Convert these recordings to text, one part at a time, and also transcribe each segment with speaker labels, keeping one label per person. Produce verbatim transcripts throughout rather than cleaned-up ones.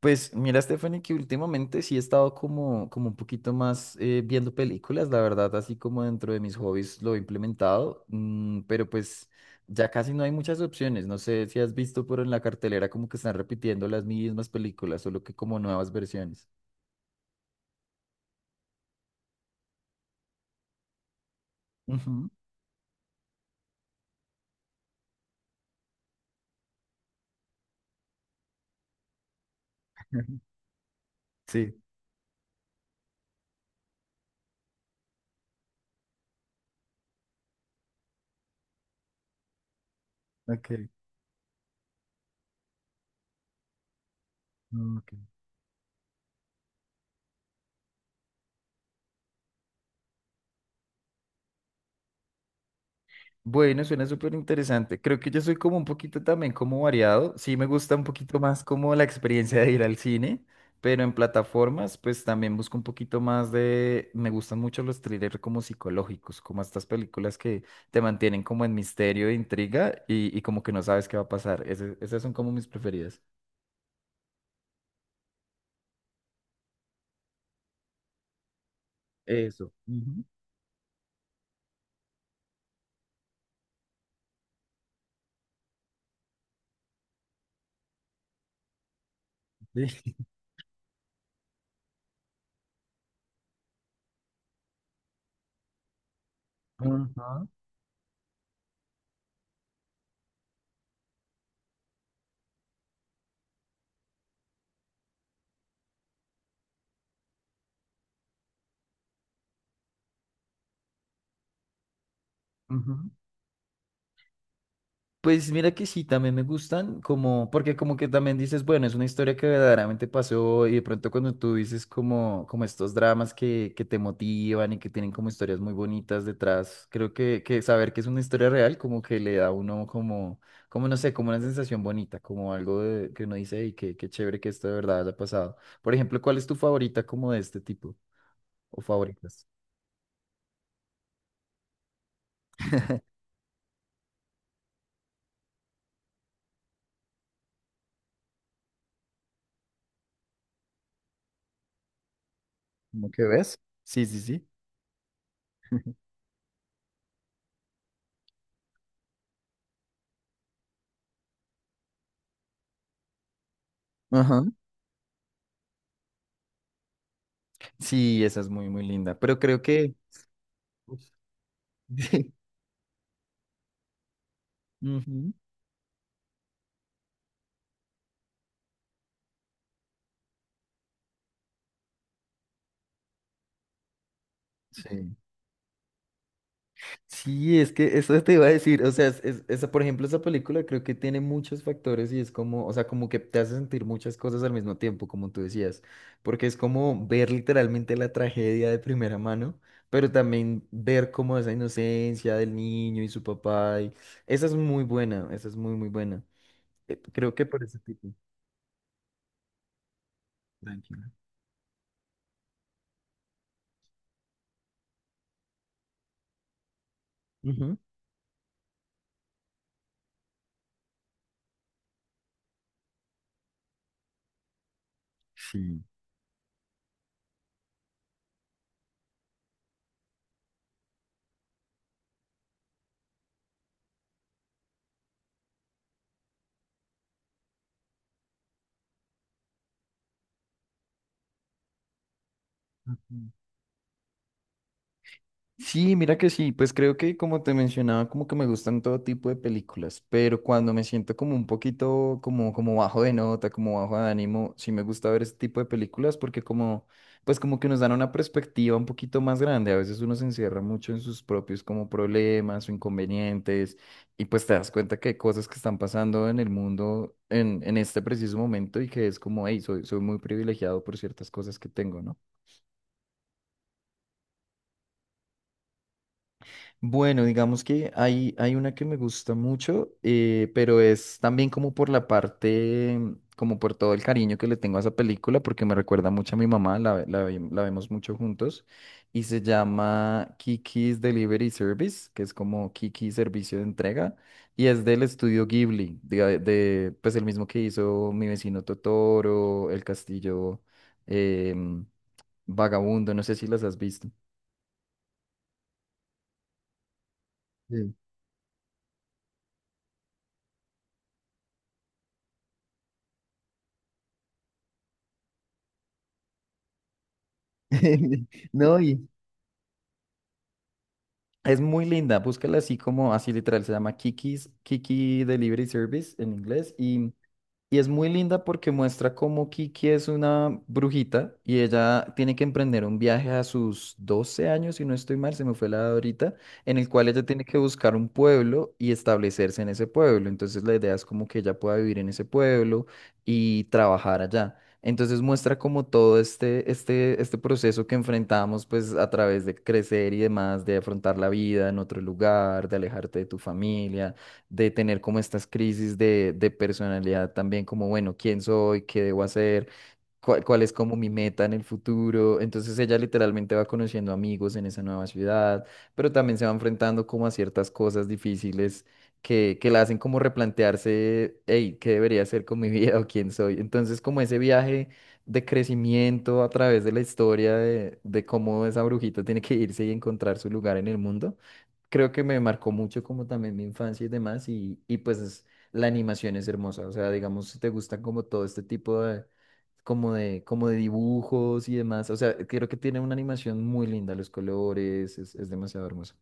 Speaker 1: Pues mira, Stephanie, que últimamente sí he estado como, como un poquito más eh, viendo películas, la verdad, así como dentro de mis hobbies lo he implementado, mm, pero pues ya casi no hay muchas opciones. No sé si has visto, pero en la cartelera como que están repitiendo las mismas películas, solo que como nuevas versiones. Ujú. Sí, ok. Ok. Bueno, suena súper interesante. Creo que yo soy como un poquito también como variado. Sí me gusta un poquito más como la experiencia de ir al cine, pero en plataformas pues también busco un poquito más de... Me gustan mucho los thrillers como psicológicos, como estas películas que te mantienen como en misterio e intriga y, y como que no sabes qué va a pasar. Ese- esas son como mis preferidas. Eso. Ujú. Sí. Ujú, ujú. Pues mira que sí, también me gustan, como, porque como que también dices, bueno, es una historia que verdaderamente pasó y de pronto cuando tú dices como, como estos dramas que, que te motivan y que tienen como historias muy bonitas detrás, creo que, que saber que es una historia real como que le da a uno como, como no sé, como una sensación bonita, como algo de- que uno dice, y qué, qué chévere que esto de verdad haya pasado. Por ejemplo, ¿cuál es tu favorita como de este tipo? ¿O favoritas? ¿Cómo que ves? Sí, sí, sí. Ajá. Sí, esa es muy, muy linda, pero creo que... Ujú. Sí. Sí, es que eso te iba a decir, o sea, es- es- esa, por ejemplo, esa película creo que tiene muchos factores y es como, o sea, como que te hace sentir muchas cosas al mismo tiempo, como tú decías, porque es como ver literalmente la tragedia de primera mano, pero también ver como esa inocencia del niño y su papá, y esa es muy buena, esa es muy, muy buena. Eh, Creo que por ese tipo. Tranquila. Ujú. Sí. Sí, mira que sí, pues creo que como te mencionaba, como que me gustan todo tipo de películas, pero cuando me siento como un poquito como, como bajo de nota, como bajo de ánimo, sí me gusta ver ese tipo de películas porque como, pues como que nos dan una perspectiva un poquito más grande, a veces uno se encierra mucho en sus propios como problemas o inconvenientes y pues te das cuenta que hay cosas que están pasando en el mundo en, en este preciso momento y que es como, hey, soy, soy muy privilegiado por ciertas cosas que tengo, ¿no? Bueno, digamos que hay, hay una que me gusta mucho, eh, pero es también como por la parte, mm, como por todo el cariño que le tengo a esa película, porque me recuerda mucho a mi mamá, la, la, ve- la vemos mucho juntos, y se llama Kiki's Delivery Service, que es como Kiki Servicio de Entrega, y es del estudio Ghibli, de, de, pues el mismo que hizo Mi vecino Totoro, El Castillo em, Vagabundo, no sé si las has visto. Sí. No, y, es muy linda, búscala así como, así literal, se llama Kiki's, Kiki Delivery Service en inglés y y es muy linda porque muestra cómo Kiki es una brujita y ella tiene que emprender un viaje a sus doce años, si no estoy mal, se me fue la edad ahorita, en el cual ella tiene que buscar un pueblo y establecerse en ese pueblo. Entonces la idea es como que ella pueda vivir en ese pueblo y trabajar allá. Entonces muestra como todo este, este, este proceso que enfrentamos pues a través de crecer y demás, de afrontar la vida en otro lugar, de alejarte de tu familia, de tener como estas crisis de, de personalidad también, como, bueno, ¿quién soy? ¿Qué debo hacer? ¿Cuál, ¿cuál es como mi meta en el futuro? Entonces ella literalmente va conociendo amigos en esa nueva ciudad, pero también se va enfrentando como a ciertas cosas difíciles que, que la hacen como replantearse, hey, ¿qué debería hacer con mi vida o quién soy? Entonces como ese viaje de crecimiento a través de la historia de, de cómo esa brujita tiene que irse y encontrar su lugar en el mundo creo que me marcó mucho como también mi infancia y demás, y, y pues es- la animación es hermosa, o sea, digamos, si te gustan como todo este tipo de, como de, como de dibujos y demás, o sea, creo que tiene una animación muy linda, los colores, es, es demasiado hermoso.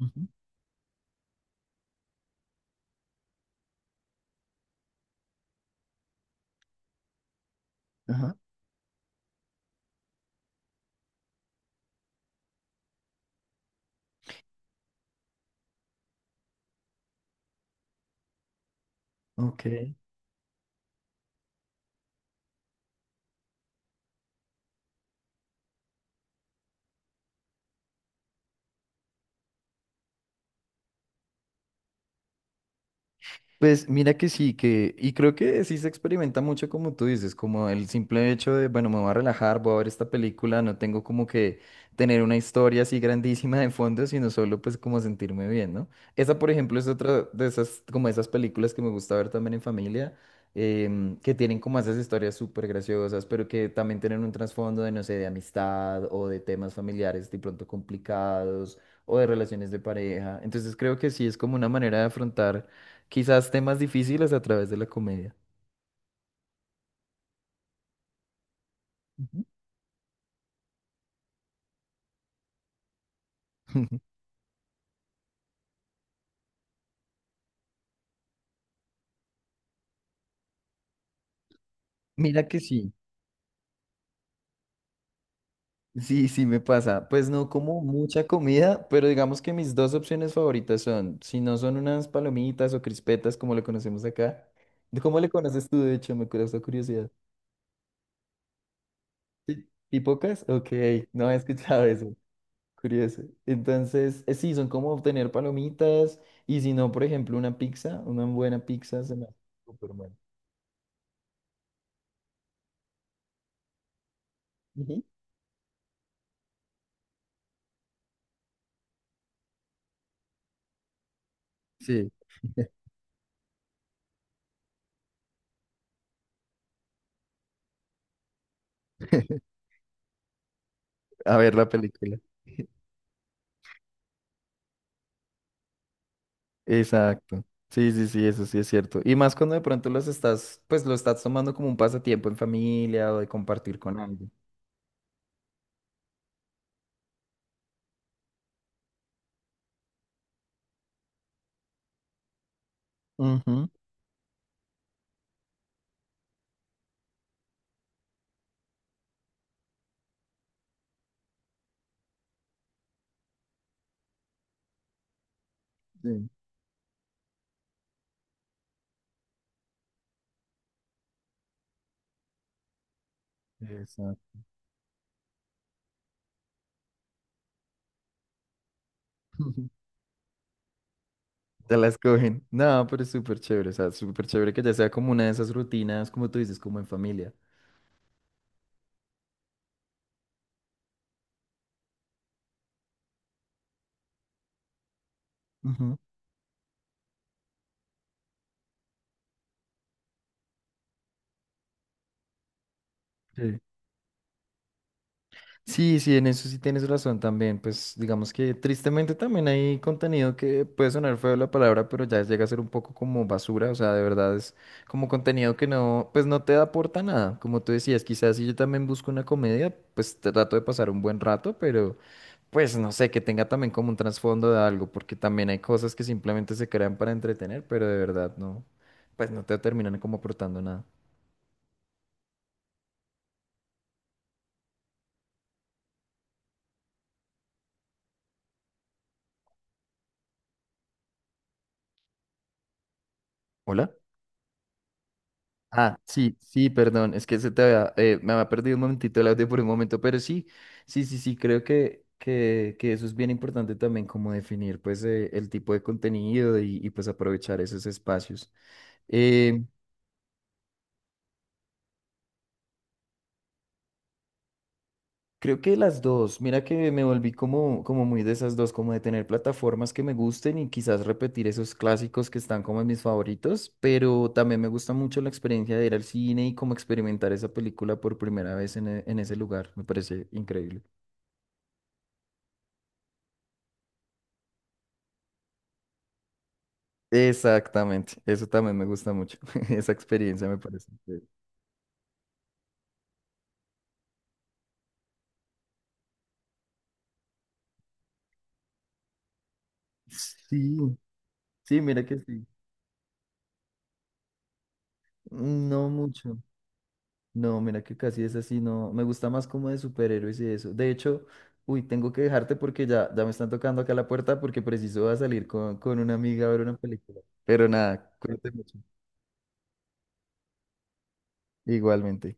Speaker 1: Ujú. Ajá, ok. Pues mira que sí, que, y creo que sí se experimenta mucho como tú dices, como el simple hecho de, bueno, me voy a relajar, voy a ver esta película, no tengo como que tener una historia así grandísima de fondo, sino solo pues como sentirme bien, ¿no? Esa, por ejemplo, es otra de esas, como esas películas que me gusta ver también en familia, em, que tienen como esas historias súper graciosas, pero que también tienen un trasfondo de, no sé, de amistad o de temas familiares de pronto complicados o de relaciones de pareja. Entonces creo que sí es como una manera de afrontar quizás temas difíciles a través de la comedia. Ujú. Mira que sí, sí, sí me pasa. Pues no como mucha comida, pero digamos que mis dos opciones favoritas son, si no son unas palomitas o crispetas como lo conocemos acá. ¿Cómo le conoces tú, de hecho? Me causa curiosidad. ¿Ti- ¿Tipocas? Ok, no he escuchado eso. Curioso. Entonces, eh, sí, son como obtener palomitas y si no, por ejemplo, una pizza, una buena pizza se me hace súper buena. Ujú. Sí, a ver la película. Exacto. Sí, sí, sí, eso sí es cierto. Y más cuando de pronto los estás, pues lo estás tomando como un pasatiempo en familia o de compartir con alguien. Ujú. Sí, exacto. Te la escogen. No, pero es súper chévere, o sea, súper chévere que ya sea como una de esas rutinas, como tú dices, como en familia. Ujú. Sí. Sí, sí, en eso sí tienes razón también. Pues digamos que tristemente también hay contenido que puede sonar feo la palabra, pero ya llega a ser un poco como basura. O sea, de verdad es como contenido que no, pues no te aporta nada. Como tú decías, quizás si yo también busco una comedia, pues trato de pasar un buen rato, pero pues no sé, que tenga también como un trasfondo de algo, porque también hay cosas que simplemente se crean para entretener, pero de verdad no, pues no te terminan como aportando nada. Hola. Ah, sí, sí, perdón, es que se te había, eh, me había perdido un momentito el audio por un momento, pero sí, sí, sí, sí, creo que, que, que eso es bien importante también, como definir pues eh, el tipo de contenido y, y, pues aprovechar esos espacios. Eh, Creo que las dos, mira que me volví como, como muy de esas dos, como de tener plataformas que me gusten y quizás repetir esos clásicos que están como en mis favoritos, pero también me gusta mucho la experiencia de ir al cine y como experimentar esa película por primera vez en, e- en ese lugar, me parece increíble. Exactamente, eso también me gusta mucho. Esa experiencia me parece. Que- Sí, sí, mira que sí. No mucho. No, mira que casi es así, no. Me gusta más como de superhéroes y eso. De hecho, uy, tengo que dejarte porque ya, ya me están tocando acá la puerta porque preciso va a salir con, con una amiga a ver una película. Pero nada, cuídate mucho. Igualmente.